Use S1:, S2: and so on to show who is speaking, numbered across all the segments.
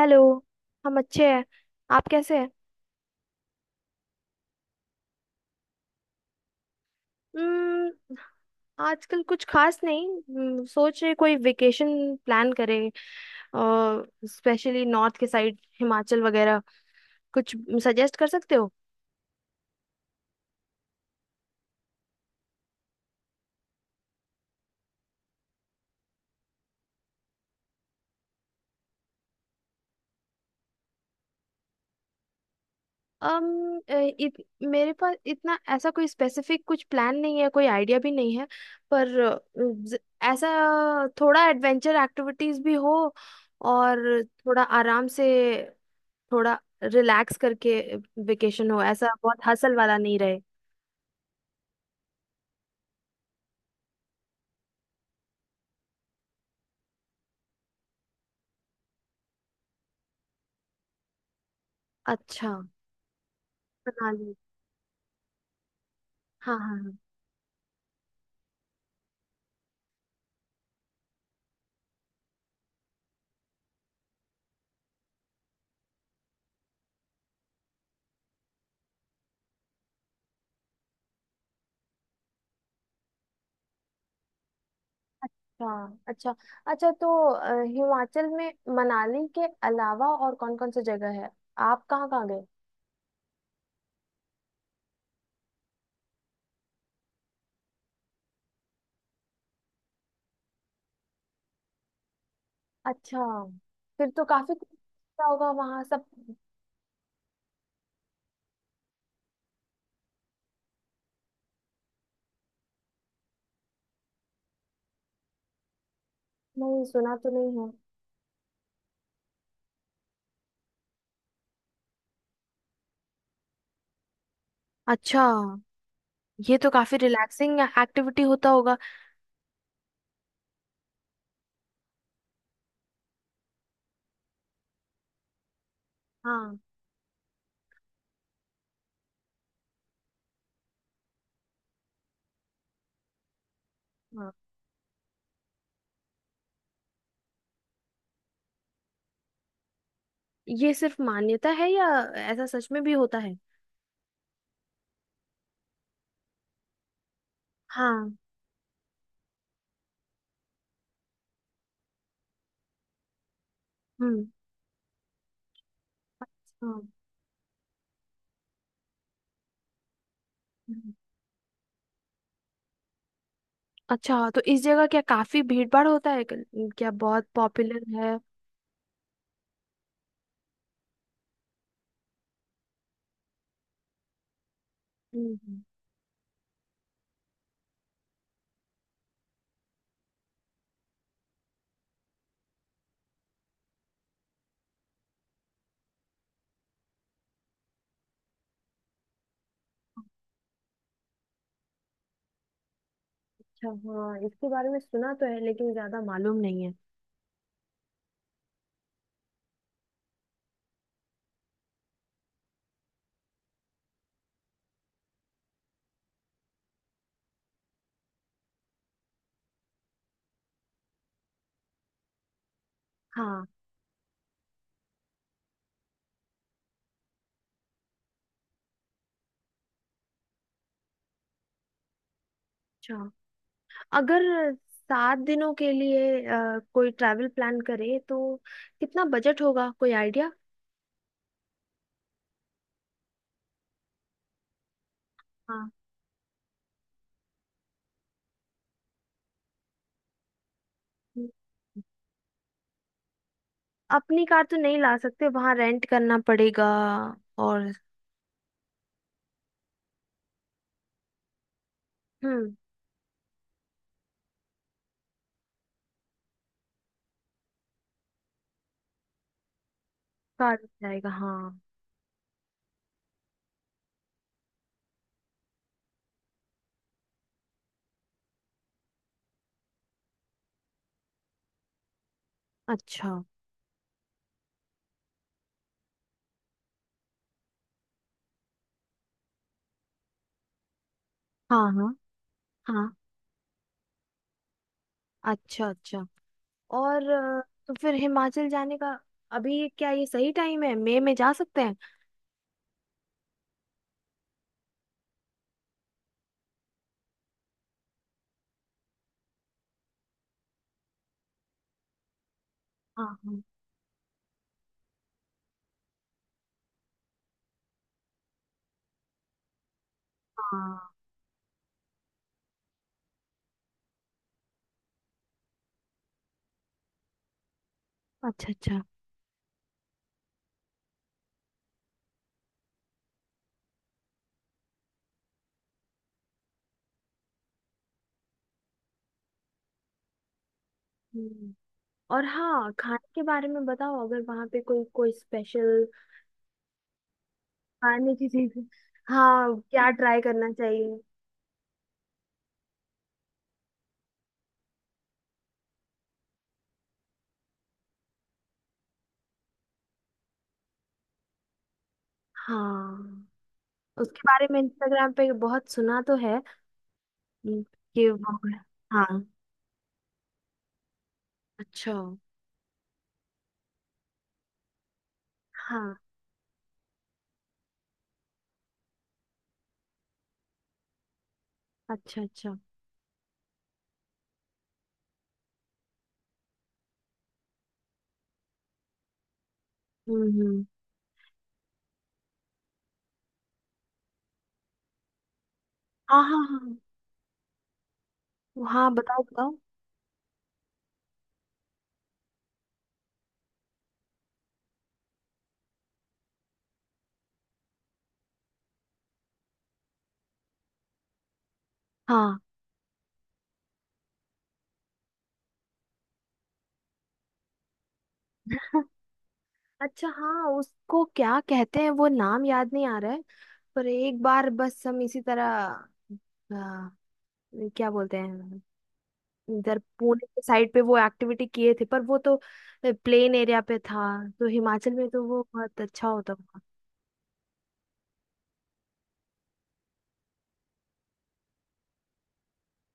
S1: Hello. हम अच्छे हैं। आप कैसे हैं? हम्म, आजकल कुछ खास नहीं। सोच रहे कोई वेकेशन प्लान करें। स्पेशली नॉर्थ के साइड हिमाचल वगैरह कुछ सजेस्ट कर सकते हो? अम अ, इत, मेरे पास इतना ऐसा कोई स्पेसिफिक कुछ प्लान नहीं है। कोई आइडिया भी नहीं है। पर ऐसा, थोड़ा एडवेंचर एक्टिविटीज भी हो, और थोड़ा आराम से, थोड़ा रिलैक्स करके वेकेशन हो, ऐसा बहुत हसल वाला नहीं रहे। अच्छा। मनाली। हाँ हाँ हाँ। अच्छा अच्छा। अच्छा, तो हिमाचल में मनाली के अलावा और कौन कौन सी जगह है? आप कहाँ कहाँ गए? अच्छा। फिर तो काफी कुछ अच्छा होगा वहां सब। नहीं, सुना तो नहीं है। अच्छा। ये तो काफी रिलैक्सिंग एक्टिविटी होता होगा। हाँ। हाँ, ये सिर्फ मान्यता है, या ऐसा सच में भी होता है? हाँ। हम्म। अच्छा। हम्म। हम्म। अच्छा, तो इस जगह क्या काफी भीड़ भाड़ होता है, क्या बहुत पॉपुलर है? हम्म। अच्छा, हाँ, इसके बारे में सुना तो है लेकिन ज्यादा मालूम नहीं है। हाँ। अच्छा, अगर 7 दिनों के लिए कोई ट्रैवल प्लान करे, तो कितना बजट होगा? कोई आइडिया? हाँ, अपनी कार तो नहीं ला सकते, वहां रेंट करना पड़ेगा। और, हम्म, कार जाएगा, हाँ। अच्छा। हाँ हाँ हाँ। अच्छा अच्छा। और तो फिर हिमाचल जाने का अभी क्या ये सही टाइम है? मई में जा सकते हैं? हाँ हाँ हाँ, अच्छा अच्छा। हम्म। और हाँ, खाने के बारे में बताओ, अगर वहाँ पे कोई कोई स्पेशल खाने की चीज। हाँ, क्या ट्राई करना चाहिए? हाँ, उसके बारे में इंस्टाग्राम पे बहुत सुना तो है। हम्म, कि वहाँ- हाँ। अच्छा। हाँ। अच्छा अच्छा। हम्म। हम्म। हाँ हाँ हाँ। हाँ, बताओ बताओ। हाँ। अच्छा, हाँ, उसको क्या कहते हैं, वो नाम याद नहीं आ रहा है। पर एक बार बस हम इसी तरह, आ, क्या बोलते हैं, इधर पुणे के साइड पे वो एक्टिविटी किए थे, पर वो तो प्लेन एरिया पे था, तो हिमाचल में तो वो बहुत अच्छा होता था।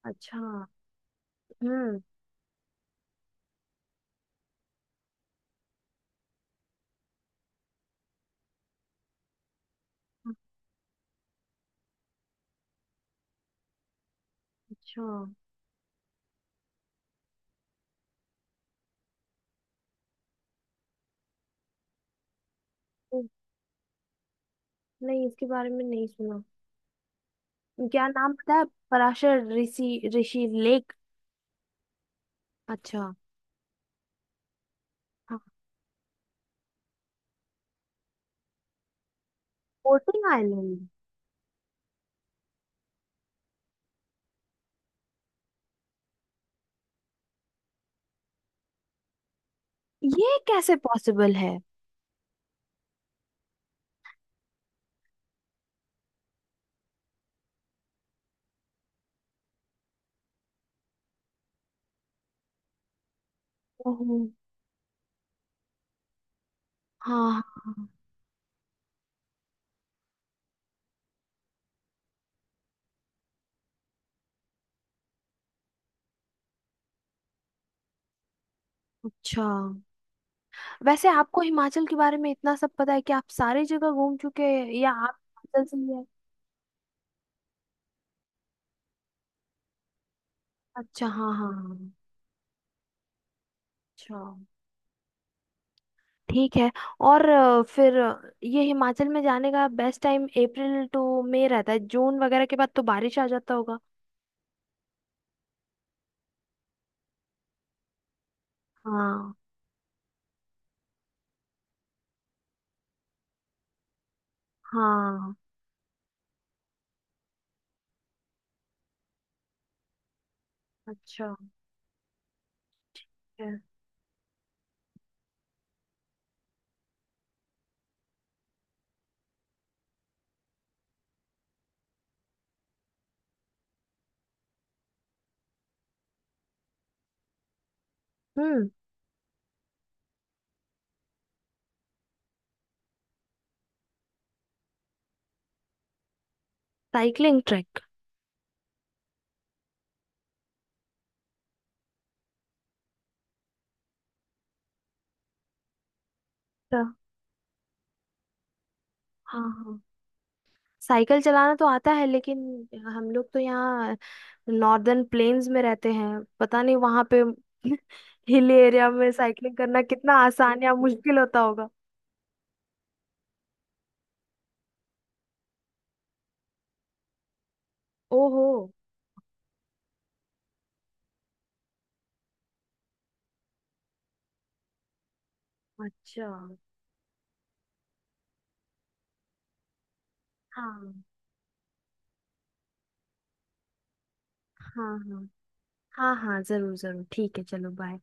S1: अच्छा। हम्म। अच्छा। ओ, नहीं, इसके बारे में नहीं सुना। क्या नाम, पता है? पराशर ऋषि ऋषि लेक? अच्छा। हाँ। कोटिंग आइलैंड। ये कैसे पॉसिबल है? ओहो। हाँ हाँ। अच्छा, वैसे आपको हिमाचल के बारे में इतना सब पता है, कि आप सारी जगह घूम चुके हैं, या आप हिमाचल से ही हैं? अच्छा, हाँ हाँ हाँ। अच्छा। ठीक है। और फिर ये हिमाचल में जाने का best time April to May रहता है? जून वगैरह के बाद तो बारिश आ जाता होगा। हाँ हाँ। अच्छा। ठीक है। हम्म। Cycling track? हाँ हाँ हाँ। साइकिल चलाना तो आता है, लेकिन हम लोग तो यहाँ नॉर्दर्न प्लेन्स में रहते हैं, पता नहीं वहां पे हिल एरिया में साइकिलिंग करना कितना आसान या मुश्किल होता होगा। ओहो। अच्छा। हाँ हाँ हाँ। हाँ हाँ, जरूर जरूर। ठीक है, चलो, बाय।